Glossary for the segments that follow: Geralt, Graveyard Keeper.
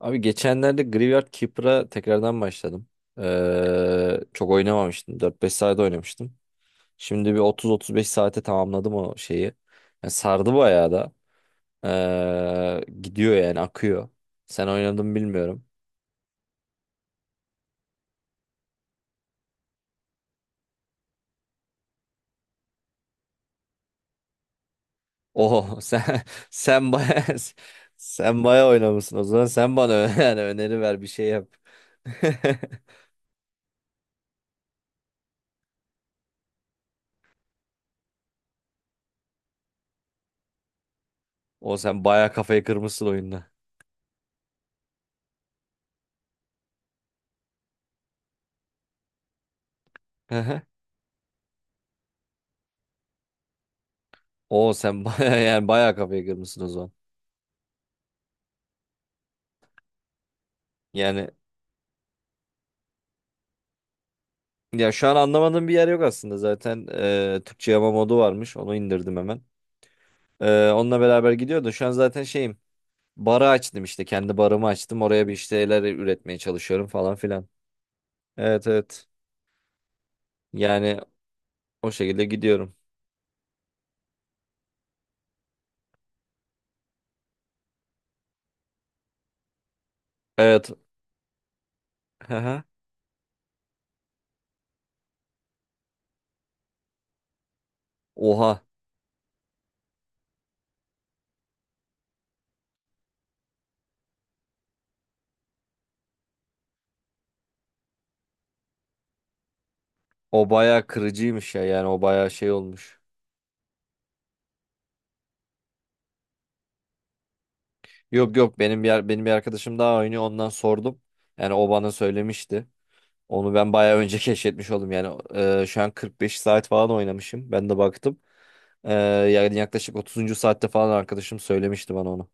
Abi geçenlerde Graveyard Keeper'a tekrardan başladım. Çok oynamamıştım. 4-5 saat oynamıştım. Şimdi bir 30-35 saate tamamladım o şeyi. Yani sardı bayağı da. Gidiyor yani akıyor. Sen oynadın mı bilmiyorum. Oho, sen baya sen baya oynamışsın. O zaman sen bana yani öneri ver bir şey yap. O sen baya kafayı kırmışsın oyunda. O sen baya yani baya kafayı kırmışsın o zaman. Yani Ya şu an anlamadığım bir yer yok aslında zaten, Türkçe yama modu varmış onu indirdim hemen. Onunla beraber gidiyordu şu an zaten şeyim, barı açtım, işte kendi barımı açtım, oraya bir işte şeyler üretmeye çalışıyorum falan filan. Evet, evet, yani o şekilde gidiyorum. Evet. Aha. Oha, o baya kırıcıymış ya, yani o baya şey olmuş. Yok, yok, benim bir arkadaşım daha oynuyor, ondan sordum, yani o bana söylemişti. Onu ben bayağı önce keşfetmiş oldum, yani şu an 45 saat falan oynamışım ben de baktım. Yani yaklaşık 30. saatte falan arkadaşım söylemişti bana onu.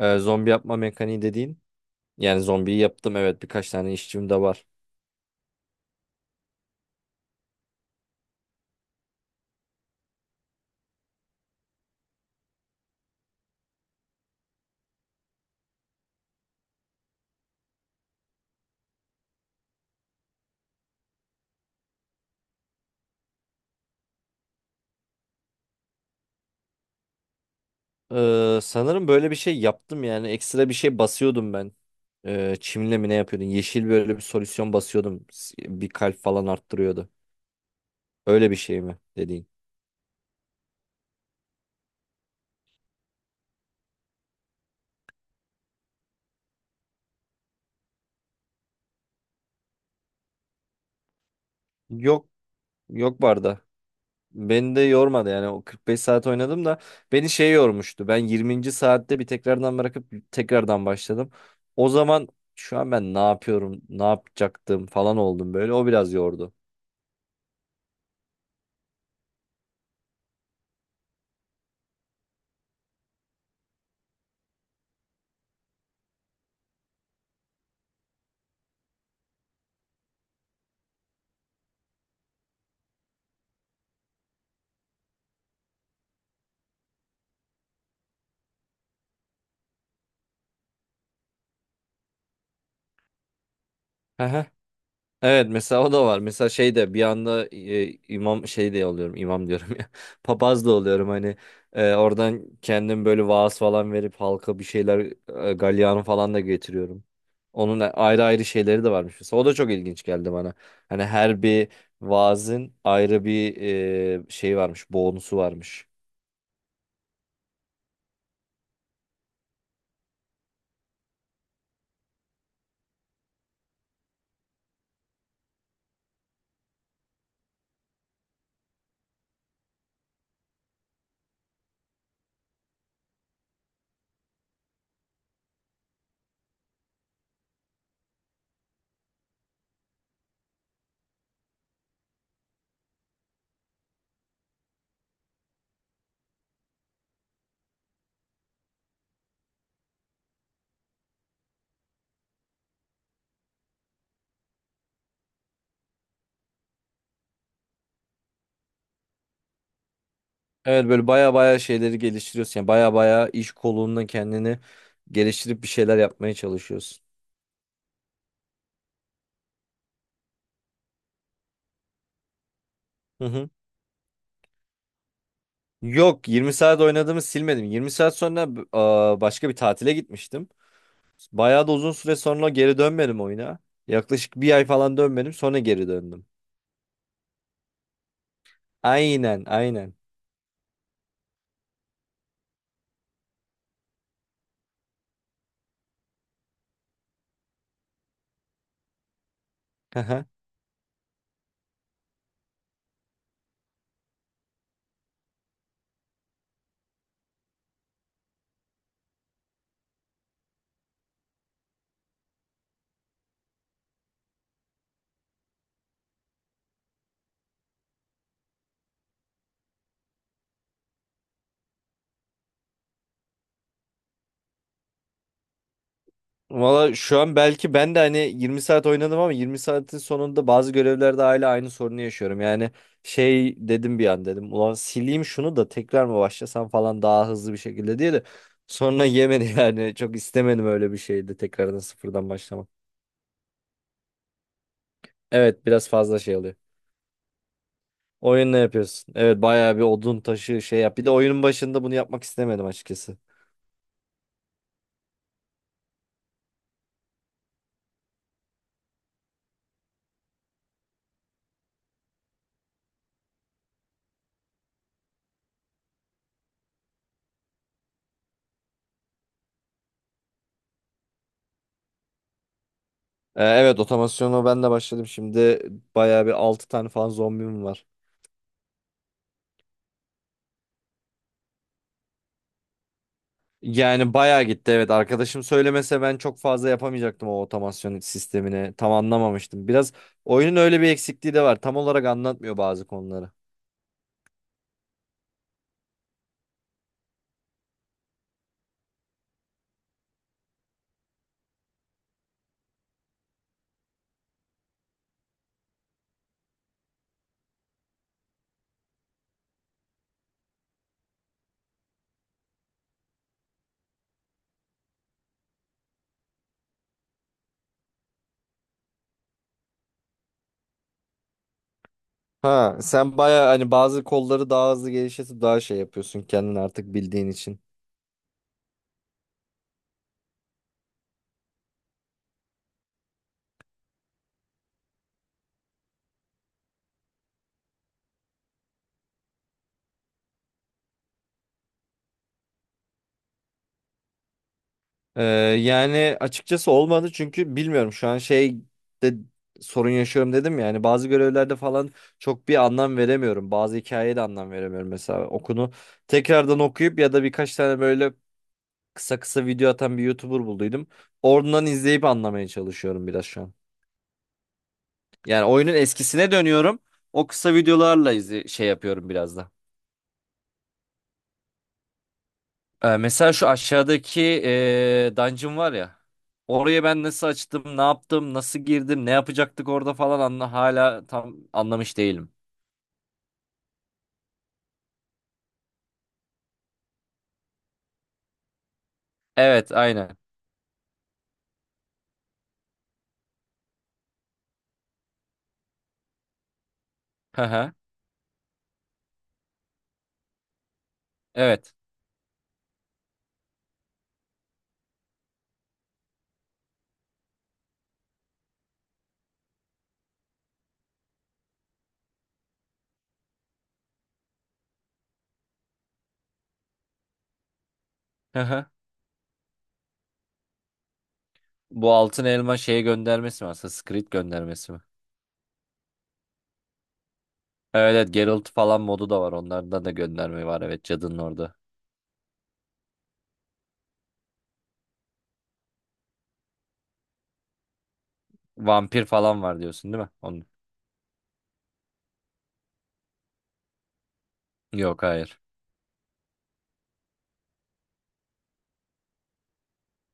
Zombi yapma mekaniği dediğin. Yani zombiyi yaptım, evet, birkaç tane işçim de var. Sanırım böyle bir şey yaptım, yani ekstra bir şey basıyordum ben. Çimle mi ne yapıyordun? Yeşil böyle bir solüsyon basıyordum. Bir kalp falan arttırıyordu. Öyle bir şey mi dediğin? Yok, yok, barda. Beni de yormadı, yani o 45 saat oynadım da beni şey yormuştu. Ben 20. saatte bir tekrardan bırakıp tekrardan başladım. O zaman şu an ben ne yapıyorum, ne yapacaktım falan oldum böyle. O biraz yordu. Evet, mesela o da var. Mesela şey de bir anda imam şey de oluyorum, imam diyorum ya, papaz da oluyorum hani, oradan kendim böyle vaaz falan verip halka bir şeyler, galyanı falan da getiriyorum. Onun ayrı ayrı şeyleri de varmış, mesela o da çok ilginç geldi bana. Hani her bir vaazın ayrı bir, şey varmış, bonusu varmış. Evet, böyle baya baya şeyleri geliştiriyorsun, yani baya baya iş kolunda kendini geliştirip bir şeyler yapmaya çalışıyorsun. Hı hı. Yok, 20 saat oynadığımı silmedim. 20 saat sonra başka bir tatile gitmiştim. Bayağı da uzun süre sonra geri dönmedim oyuna. Yaklaşık bir ay falan dönmedim, sonra geri döndüm. Aynen, aynen. Valla şu an belki ben de hani 20 saat oynadım ama 20 saatin sonunda bazı görevlerde hala aynı sorunu yaşıyorum. Yani şey dedim bir an, dedim ulan sileyim şunu da tekrar mı başlasam falan daha hızlı bir şekilde diye de, sonra yemedi, yani çok istemedim, öyle bir şeydi tekrardan sıfırdan başlamak. Evet, biraz fazla şey oluyor. Oyun ne yapıyorsun? Evet, bayağı bir odun taşı şey yap. Bir de oyunun başında bunu yapmak istemedim açıkçası. Evet, otomasyonu ben de başladım. Şimdi bayağı bir 6 tane falan zombim var. Yani bayağı gitti, evet. Arkadaşım söylemese ben çok fazla yapamayacaktım o otomasyon sistemini. Tam anlamamıştım. Biraz oyunun öyle bir eksikliği de var. Tam olarak anlatmıyor bazı konuları. Ha, sen bayağı hani bazı kolları daha hızlı geliştirip daha şey yapıyorsun kendin artık bildiğin için. Ee, yani açıkçası olmadı çünkü bilmiyorum şu an şey de sorun yaşıyorum dedim ya. Yani bazı görevlerde falan çok bir anlam veremiyorum. Bazı hikayeye de anlam veremiyorum mesela. Okunu tekrardan okuyup ya da birkaç tane böyle kısa kısa video atan bir YouTuber bulduydum. Oradan izleyip anlamaya çalışıyorum biraz şu an. Yani oyunun eskisine dönüyorum. O kısa videolarla izle şey yapıyorum biraz da. Mesela şu aşağıdaki dungeon var ya. Orayı ben nasıl açtım, ne yaptım, nasıl girdim, ne yapacaktık orada falan, hala tam anlamış değilim. Evet, aynen. Hı hı. Evet. Hı hı. Bu altın elma şeye göndermesi mi aslında? Squid göndermesi mi? Evet, evet, Geralt falan modu da var. Onlardan da gönderme var. Evet, cadının orada. Vampir falan var diyorsun değil mi? Onun... Yok, hayır.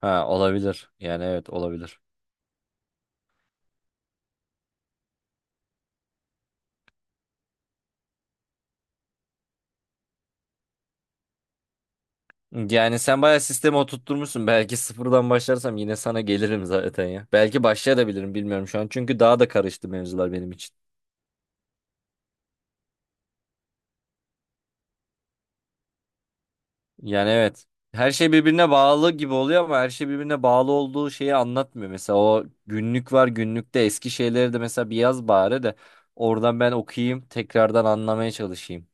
Ha, olabilir. Yani evet, olabilir. Yani sen bayağı sistemi oturtturmuşsun. Belki sıfırdan başlarsam yine sana gelirim zaten ya. Belki başlayabilirim, bilmiyorum şu an. Çünkü daha da karıştı mevzular benim için. Yani evet. Her şey birbirine bağlı gibi oluyor ama her şey birbirine bağlı olduğu şeyi anlatmıyor. Mesela o günlük var, günlükte eski şeyleri de mesela bir yaz bari de oradan ben okuyayım, tekrardan anlamaya çalışayım.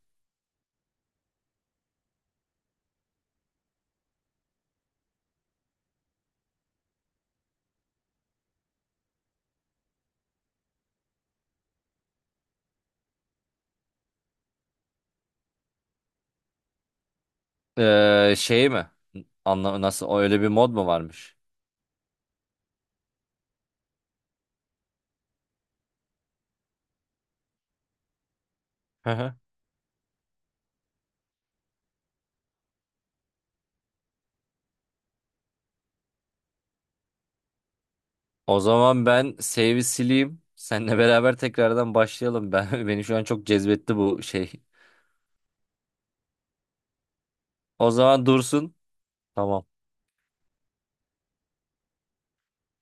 Şey mi? Nasıl öyle bir mod mu varmış? O zaman ben save'i sileyim. Seninle beraber tekrardan başlayalım. Ben beni şu an çok cezbetti bu şey. O zaman dursun. Tamam.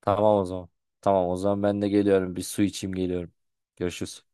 Tamam o zaman. Tamam o zaman ben de geliyorum. Bir su içeyim, geliyorum. Görüşürüz.